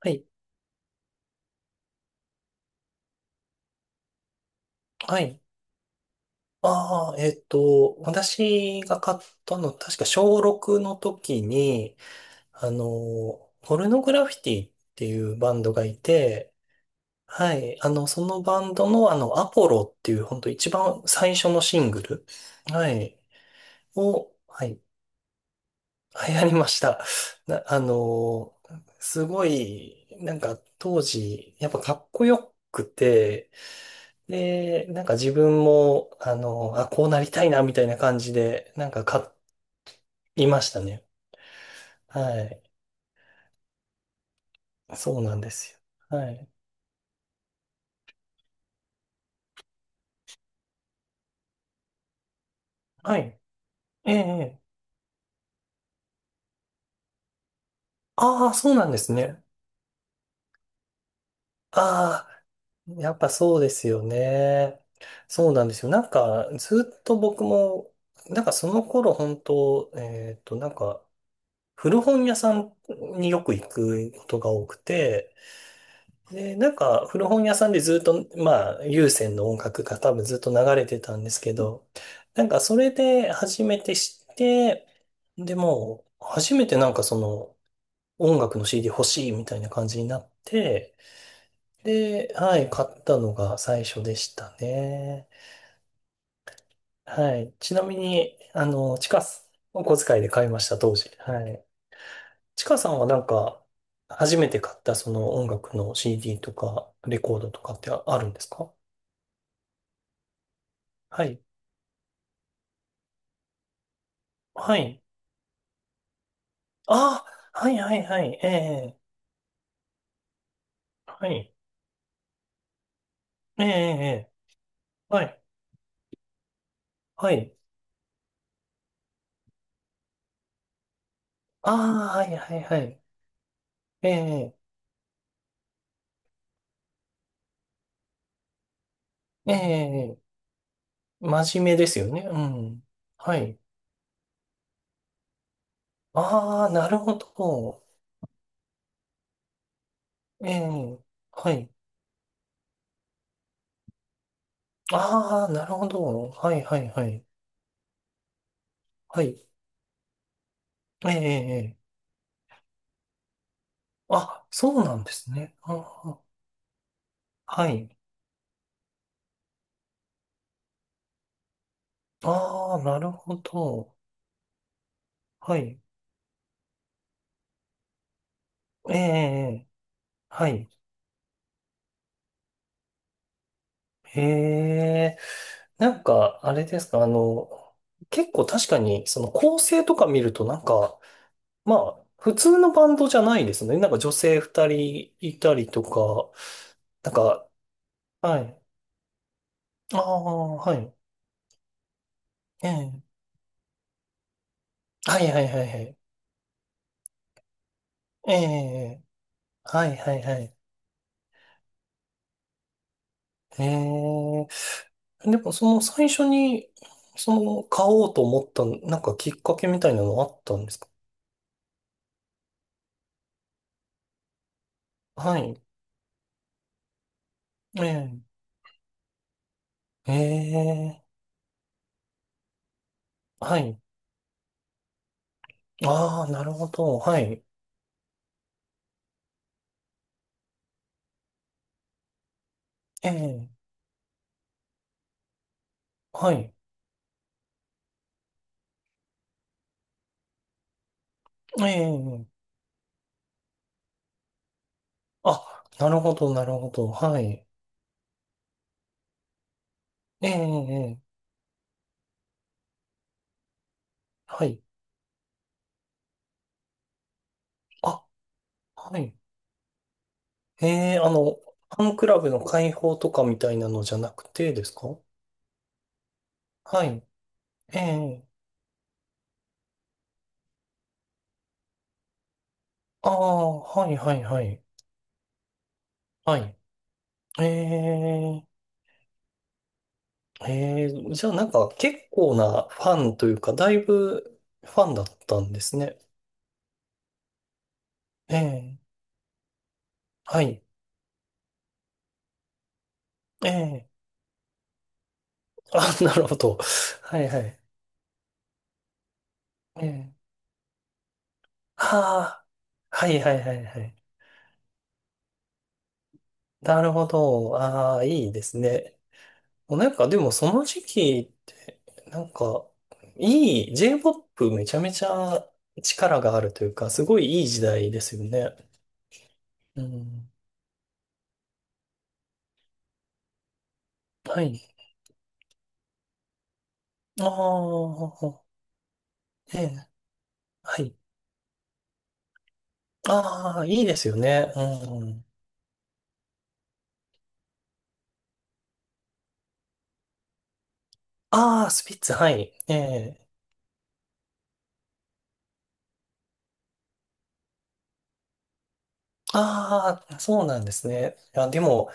はい。はい。ああ、私が買ったの、確か小6の時に、ポルノグラフィティっていうバンドがいて、はい。そのバンドの、アポロっていう、本当一番最初のシングル、はい。を、はい。流行りました。な、あの、すごい、なんか当時、やっぱかっこよくて、で、なんか自分も、あ、こうなりたいな、みたいな感じで、なんか買いましたね。はい。そうなんですよ。はい。はい。ええ、ええ。ああ、そうなんですね。ああ、やっぱそうですよね。そうなんですよ。なんか、ずっと僕も、なんかその頃、本当なんか、古本屋さんによく行くことが多くて、で、なんか古本屋さんでずっと、まあ、有線の音楽が多分ずっと流れてたんですけど、なんかそれで初めて知って、でも、初めてなんかその音楽の CD 欲しいみたいな感じになって、で、はい、買ったのが最初でしたね。はい。ちなみに、ちかさん、お小遣いで買いました、当時。はい。ちかさんはなんか、初めて買ったその音楽の CD とか、レコードとかってあるんですか？はい。はい。ああ、はいはいはい。ええ、はい。ええ、ええはい。はい。ああ、はいはいはい。ええ、ええ、真面目ですよね。うん。はい。ああ、なるほど。ええ、はい。ああ、なるほど。はいはいはい。はい。ええ、ええあ、そうなんですね。ああ、はい。ああ、なるほど。はい。ええ、はい。へえ。なんか、あれですか、結構確かに、その構成とか見ると、なんか、まあ、普通のバンドじゃないですね。なんか女性二人いたりとか、なんか、はい。ああ、はい。ええ。はいはいはいはい。ええ。はいはいはい。ええ。でも、その最初に、その、買おうと思った、なんかきっかけみたいなのあったんですか？はい。ええ。ええ。はい。ああ、なるほど。はい。ええ、はい。ええ、あ、なるほど、なるほど。はい。ええ、ええはい。あ、はい。ええ、ファンクラブの会報とかみたいなのじゃなくてですか？はい。ええ、ああ、はい、はい、はい。はい。ええ、ええ、じゃあなんか結構なファンというか、だいぶファンだったんですね。ええ、はい。ええ、あ、なるほど。はい、はい。ええああ、はいはいはいはい。なるほど。ああ、いいですね。もうなんかでもその時期って、なんか、いい、J-POP めちゃめちゃ力があるというか、すごいいい時代ですよね。うん。はい。ああ、ええ、はい。ああ、いいですよね。うん。ああ、スピッツ、はい。ええ。ああ、そうなんですね。いや、でも、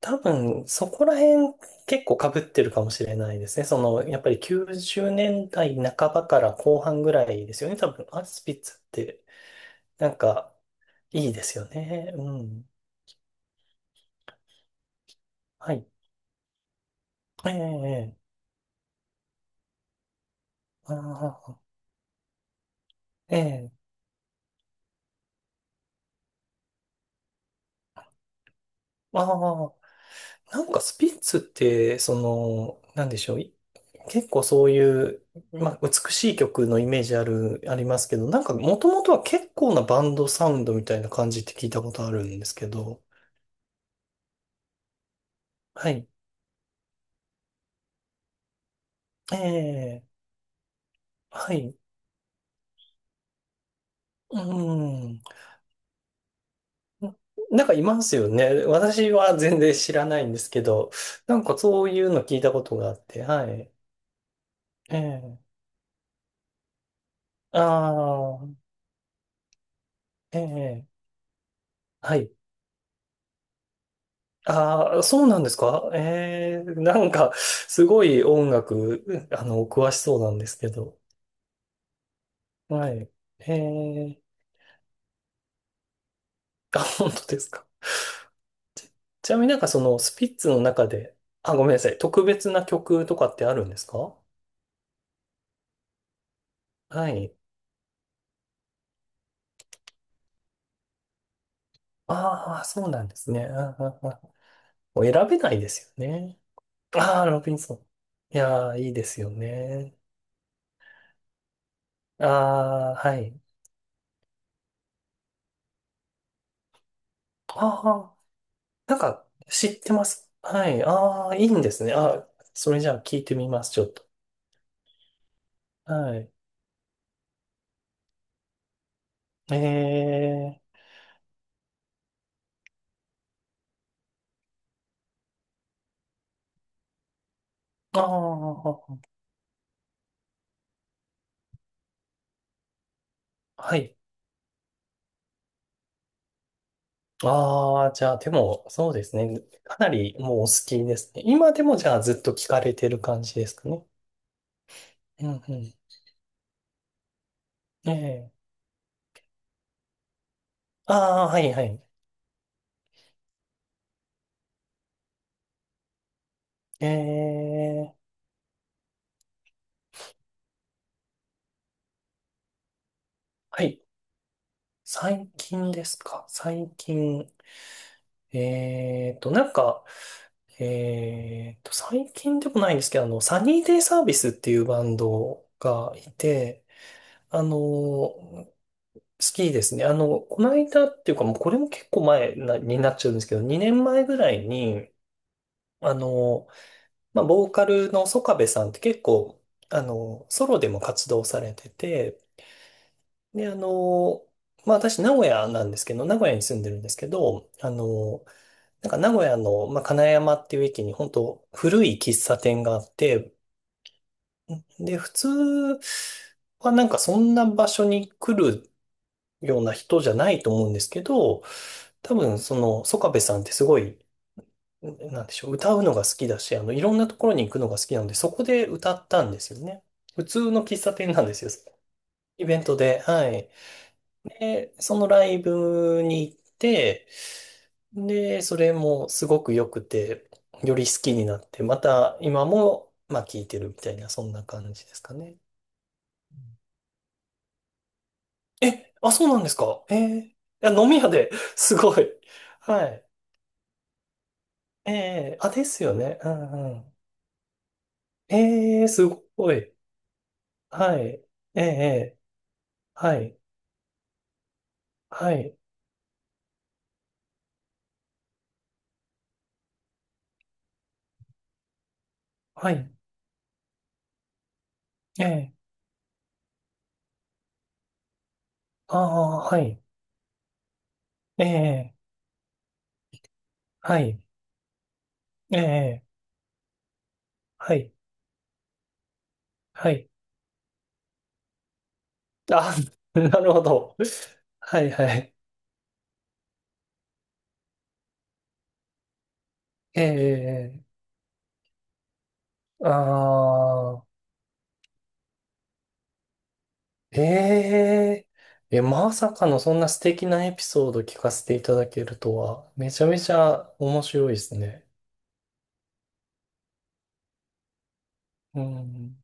多分、そこら辺結構被ってるかもしれないですね。その、やっぱり90年代半ばから後半ぐらいですよね。多分、アスピッツって、なんか、いいですよね。うん。はい。ええ、ええ、ああ、ええ、ああ。なんかスピッツって、その、なんでしょう。結構そういう、まあ、美しい曲のイメージある、ありますけど、なんか、もともとは結構なバンドサウンドみたいな感じって聞いたことあるんですけど、はい。ええはい。うん。なんかいますよね。私は全然知らないんですけど、なんかそういうの聞いたことがあって、はい。ええ。ああ、ええ。はい。ああ、そうなんですか？ええ、なんか、すごい音楽、詳しそうなんですけど。はい。ええ。あ、本当ですか？ちなみになんかその、スピッツの中で、あ、ごめんなさい。特別な曲とかってあるんですか？はい。ああ、そうなんですね。うんうんうんもう選べないですよね。ああ、ロビンソン。いやー、いいですよね。ああ、はい。ああ、なんか、知ってます。はい。ああ、いいんですね。あそれじゃあ聞いてみます、ちょっと。はい。ええああ、はい。ああ、じゃあ、でも、そうですね。かなりもうお好きですね。今でもじゃあずっと聞かれてる感じですかね。うんうん。ええああ、はいはい。ええはい。最近ですか？最近。なんか、最近でもないんですけど、サニーデイサービスっていうバンドがいて、好きですね。この間っていうか、もうこれも結構前なになっちゃうんですけど、2年前ぐらいに、あの、まあ、ボーカルのソカベさんって結構、ソロでも活動されてて、で、まあ私、名古屋なんですけど、名古屋に住んでるんですけど、なんか名古屋の、まあ、金山っていう駅に本当古い喫茶店があって、で、普通はなんかそんな場所に来るような人じゃないと思うんですけど、多分その、曽我部さんってすごい、なんでしょう、歌うのが好きだし、いろんなところに行くのが好きなので、そこで歌ったんですよね。普通の喫茶店なんですよ。イベントで、はい。で、そのライブに行って、で、それもすごく良くて、より好きになって、また今も、まあ、聴いてるみたいな、そんな感じですかね。え、あ、そうなんですか？えー、いや、飲み屋で すごい。はい。ええあ、ですよね。うんうん。ええすごい。はい。ええはい。はい。はい。ええああ、はい。ええはい。ええはい。はい。あ、なるほど。はいはい。ええ、ああ、ええ、え、まさかのそんな素敵なエピソード聞かせていただけるとは、めちゃめちゃ面白いですね。うん。